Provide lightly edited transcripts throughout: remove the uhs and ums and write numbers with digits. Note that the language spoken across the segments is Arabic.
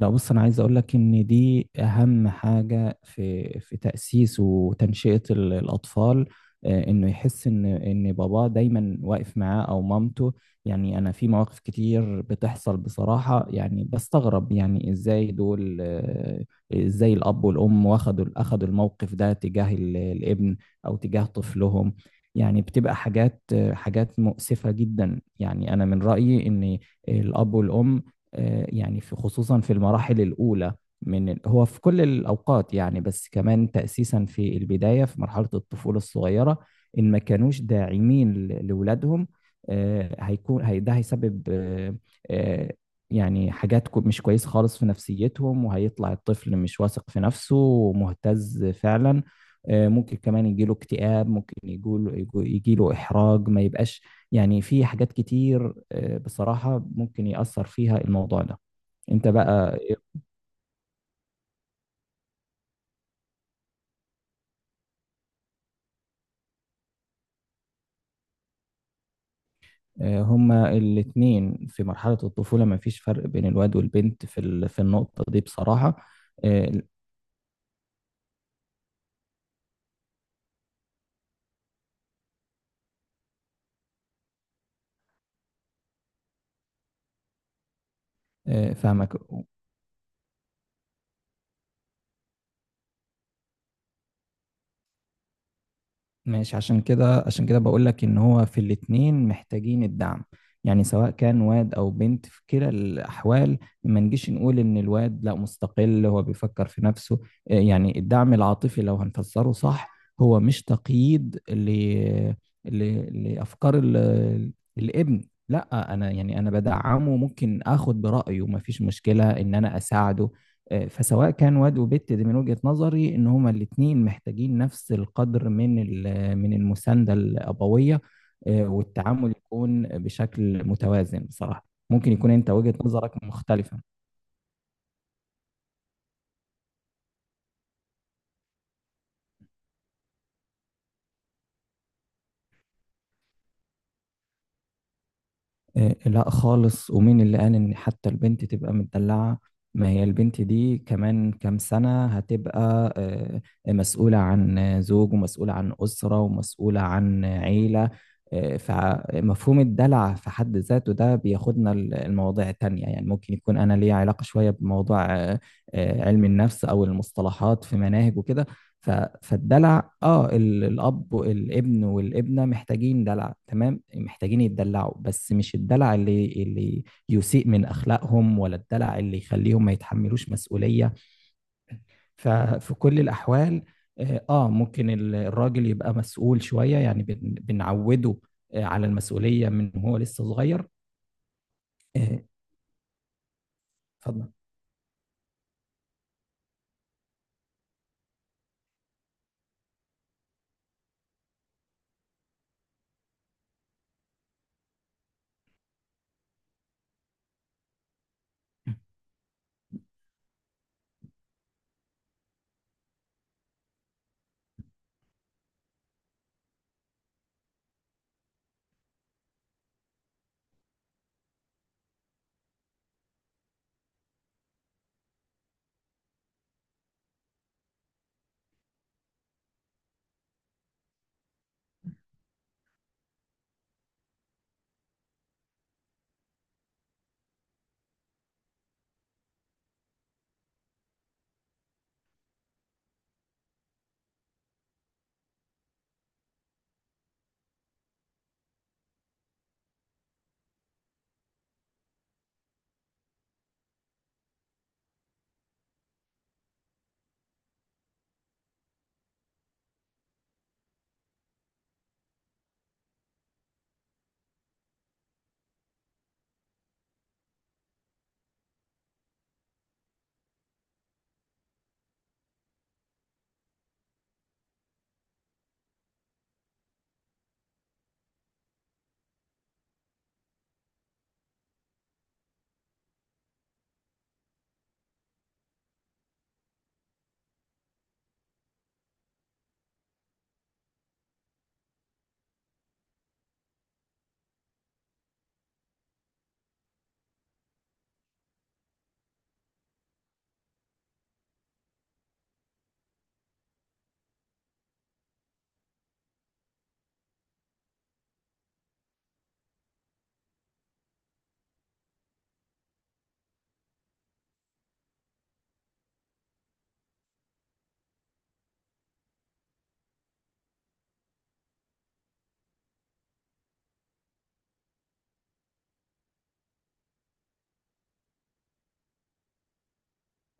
لا بص، انا عايز اقول لك ان دي اهم حاجه في تاسيس وتنشئه الاطفال. انه يحس ان باباه دايما واقف معاه او مامته. يعني انا في مواقف كتير بتحصل بصراحه، يعني بستغرب يعني ازاي دول، ازاي الاب والام اخدوا الموقف ده تجاه الابن او تجاه طفلهم. يعني بتبقى حاجات، حاجات مؤسفه جدا. يعني انا من رايي ان الاب والام، يعني في خصوصا في المراحل الأولى من هو في كل الأوقات، يعني بس كمان تأسيسا في البداية في مرحلة الطفولة الصغيرة، إن ما كانوش داعمين لولادهم، هيكون هي ده هيسبب آه، يعني حاجات مش كويسة خالص في نفسيتهم، وهيطلع الطفل مش واثق في نفسه ومهتز فعلا. ممكن كمان يجيله اكتئاب، ممكن يجيله إحراج، ما يبقاش يعني. في حاجات كتير بصراحة ممكن يأثر فيها الموضوع ده. انت بقى. هما الاتنين في مرحلة الطفولة، ما فيش فرق بين الواد والبنت في في النقطة دي بصراحة. آه، فاهمك. ماشي، عشان كده بقول لك ان هو في الاتنين محتاجين الدعم. يعني سواء كان واد او بنت، في كلا الاحوال ما نجيش نقول ان الواد لا مستقل هو بيفكر في نفسه. يعني الدعم العاطفي لو هنفسره صح، هو مش تقييد ل... لافكار الابن. لا انا يعني انا بدعمه، ممكن اخد برايه، ما فيش مشكلة ان انا اساعده. فسواء كان واد وبت، دي من وجهة نظري ان هما الاتنين محتاجين نفس القدر من من المسانده الابويه. والتعامل يكون بشكل متوازن بصراحه. ممكن يكون انت وجهه نظرك مختلفه. لا خالص، ومين اللي قال ان حتى البنت تبقى متدلعة؟ ما هي البنت دي كمان كام سنة هتبقى مسؤولة عن زوج ومسؤولة عن أسرة ومسؤولة عن عيلة. فمفهوم الدلع في حد ذاته ده بياخدنا المواضيع التانية. يعني ممكن يكون أنا ليا علاقة شوية بموضوع علم النفس أو المصطلحات في مناهج وكده. ف- فالدلع اه الاب والابن والابنه محتاجين دلع، تمام، محتاجين يتدلعوا، بس مش الدلع اللي يسيء من اخلاقهم، ولا الدلع اللي يخليهم ما يتحملوش مسؤوليه. ففي كل الاحوال ممكن الراجل يبقى مسؤول شويه، يعني بنعوده على المسؤوليه من هو لسه صغير. آه، اتفضل.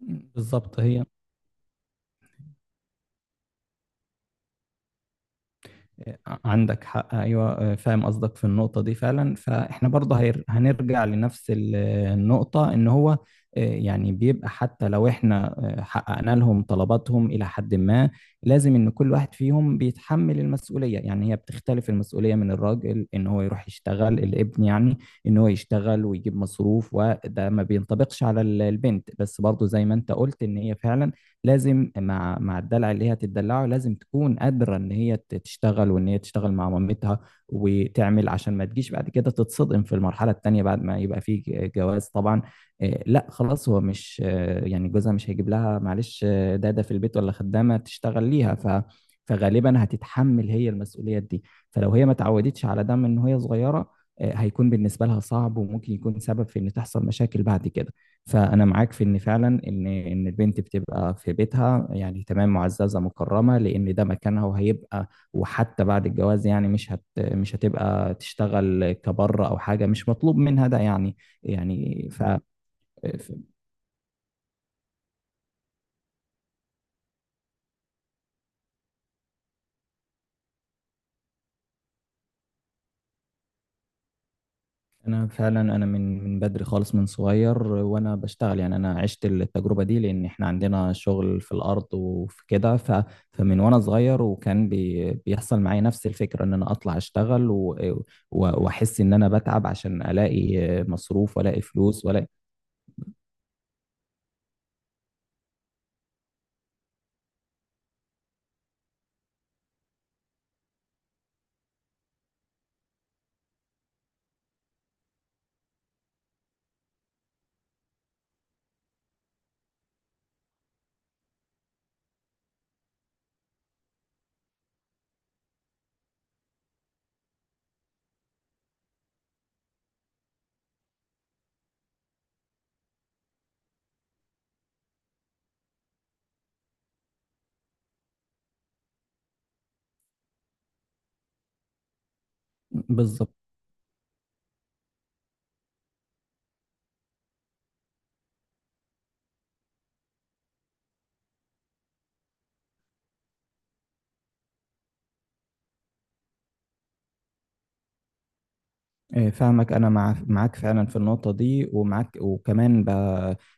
بالظبط هي. عندك حق، ايوه، فاهم قصدك في النقطه دي فعلا. فاحنا برضه هنرجع لنفس النقطه، ان هو يعني بيبقى حتى لو احنا حققنا لهم طلباتهم الى حد ما، لازم ان كل واحد فيهم بيتحمل المسؤوليه. يعني هي بتختلف المسؤوليه، من الراجل ان هو يروح يشتغل، الابن يعني ان هو يشتغل ويجيب مصروف، وده ما بينطبقش على البنت. بس برضه زي ما انت قلت، ان هي فعلا لازم مع الدلع اللي هي هتدلعه، لازم تكون قادره ان هي تشتغل، وان هي تشتغل مع مامتها وتعمل، عشان ما تجيش بعد كده تتصدم في المرحله الثانيه بعد ما يبقى في جواز طبعا. لا خلاص، هو مش يعني جوزها مش هيجيب لها معلش داده في البيت ولا خدامه تشتغل ليها. فغالبا هتتحمل هي المسؤوليات دي. فلو هي ما اتعودتش على ده من وهي صغيره، هيكون بالنسبه لها صعب، وممكن يكون سبب في ان تحصل مشاكل بعد كده. فأنا معاك في إن فعلا إن البنت بتبقى في بيتها، يعني تمام معززة مكرمة، لأن ده مكانها وهيبقى. وحتى بعد الجواز يعني مش هتبقى تشتغل كبره أو حاجة، مش مطلوب منها ده يعني. يعني انا فعلا، انا من بدري خالص من صغير وانا بشتغل. يعني انا عشت التجربه دي، لان احنا عندنا شغل في الارض وفي كده. فمن وانا صغير وكان بيحصل معايا نفس الفكره، ان انا اطلع اشتغل واحس ان انا بتعب عشان الاقي مصروف والاقي فلوس والاقي. بالظبط. إيه، فاهمك، انا معاك فعلا في النقطه دي ومعاك.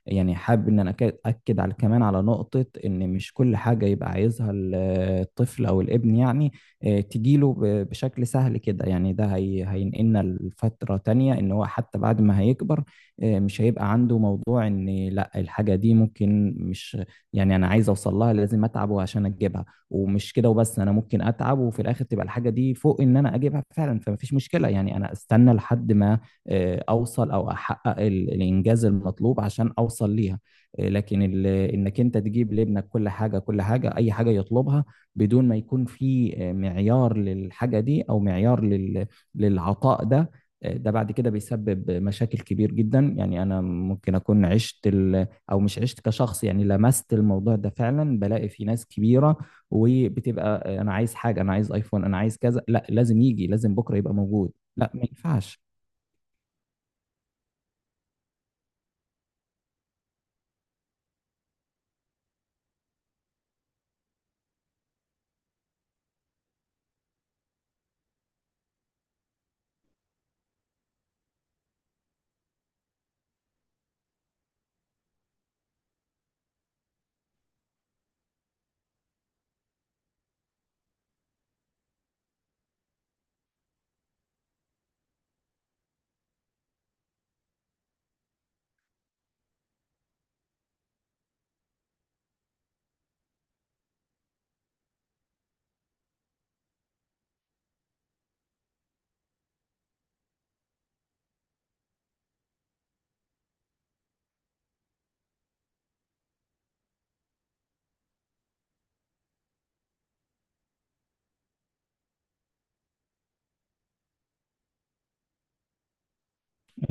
يعني حابب ان انا اكد على كمان على نقطه، ان مش كل حاجه يبقى عايزها الطفل او الابن يعني إيه، تجيله بشكل سهل كده. يعني ده هينقلنا لفتره تانية، ان هو حتى بعد ما هيكبر إيه، مش هيبقى عنده موضوع ان لا الحاجه دي ممكن مش، يعني انا عايز اوصل لها لازم اتعب عشان اجيبها. ومش كده وبس، انا ممكن اتعب وفي الاخر تبقى الحاجه دي فوق ان انا اجيبها فعلا، فمفيش مشكله. يعني انا استنى لحد ما اوصل او احقق الانجاز المطلوب عشان اوصل ليها. لكن انك انت تجيب لابنك كل حاجه، اي حاجه يطلبها، بدون ما يكون في معيار للحاجه دي او معيار للعطاء ده، ده بعد كده بيسبب مشاكل كبير جدا. يعني انا ممكن اكون عشت ال- او مش عشت كشخص، يعني لمست الموضوع ده فعلا، بلاقي في ناس كبيره وبتبقى انا عايز حاجه، انا عايز ايفون، انا عايز كذا، لا لازم يجي لازم بكره يبقى موجود. لا ما ينفعش.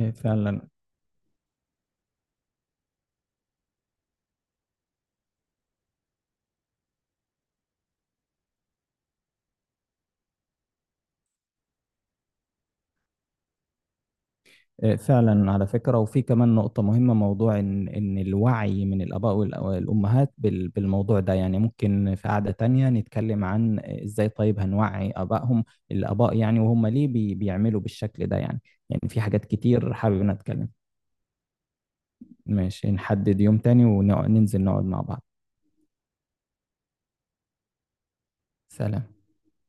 إيه فعلا. إيه فعلا، على فكرة، وفي كمان نقطة مهمة، موضوع إن الوعي من الآباء والأمهات بالموضوع ده. يعني ممكن في قعدة تانية نتكلم عن إزاي طيب هنوعي آبائهم الآباء يعني، وهم ليه بيعملوا بالشكل ده يعني. يعني في حاجات كتير حابب نتكلم. ماشي، نحدد يوم تاني وننزل نقعد مع بعض. سلام.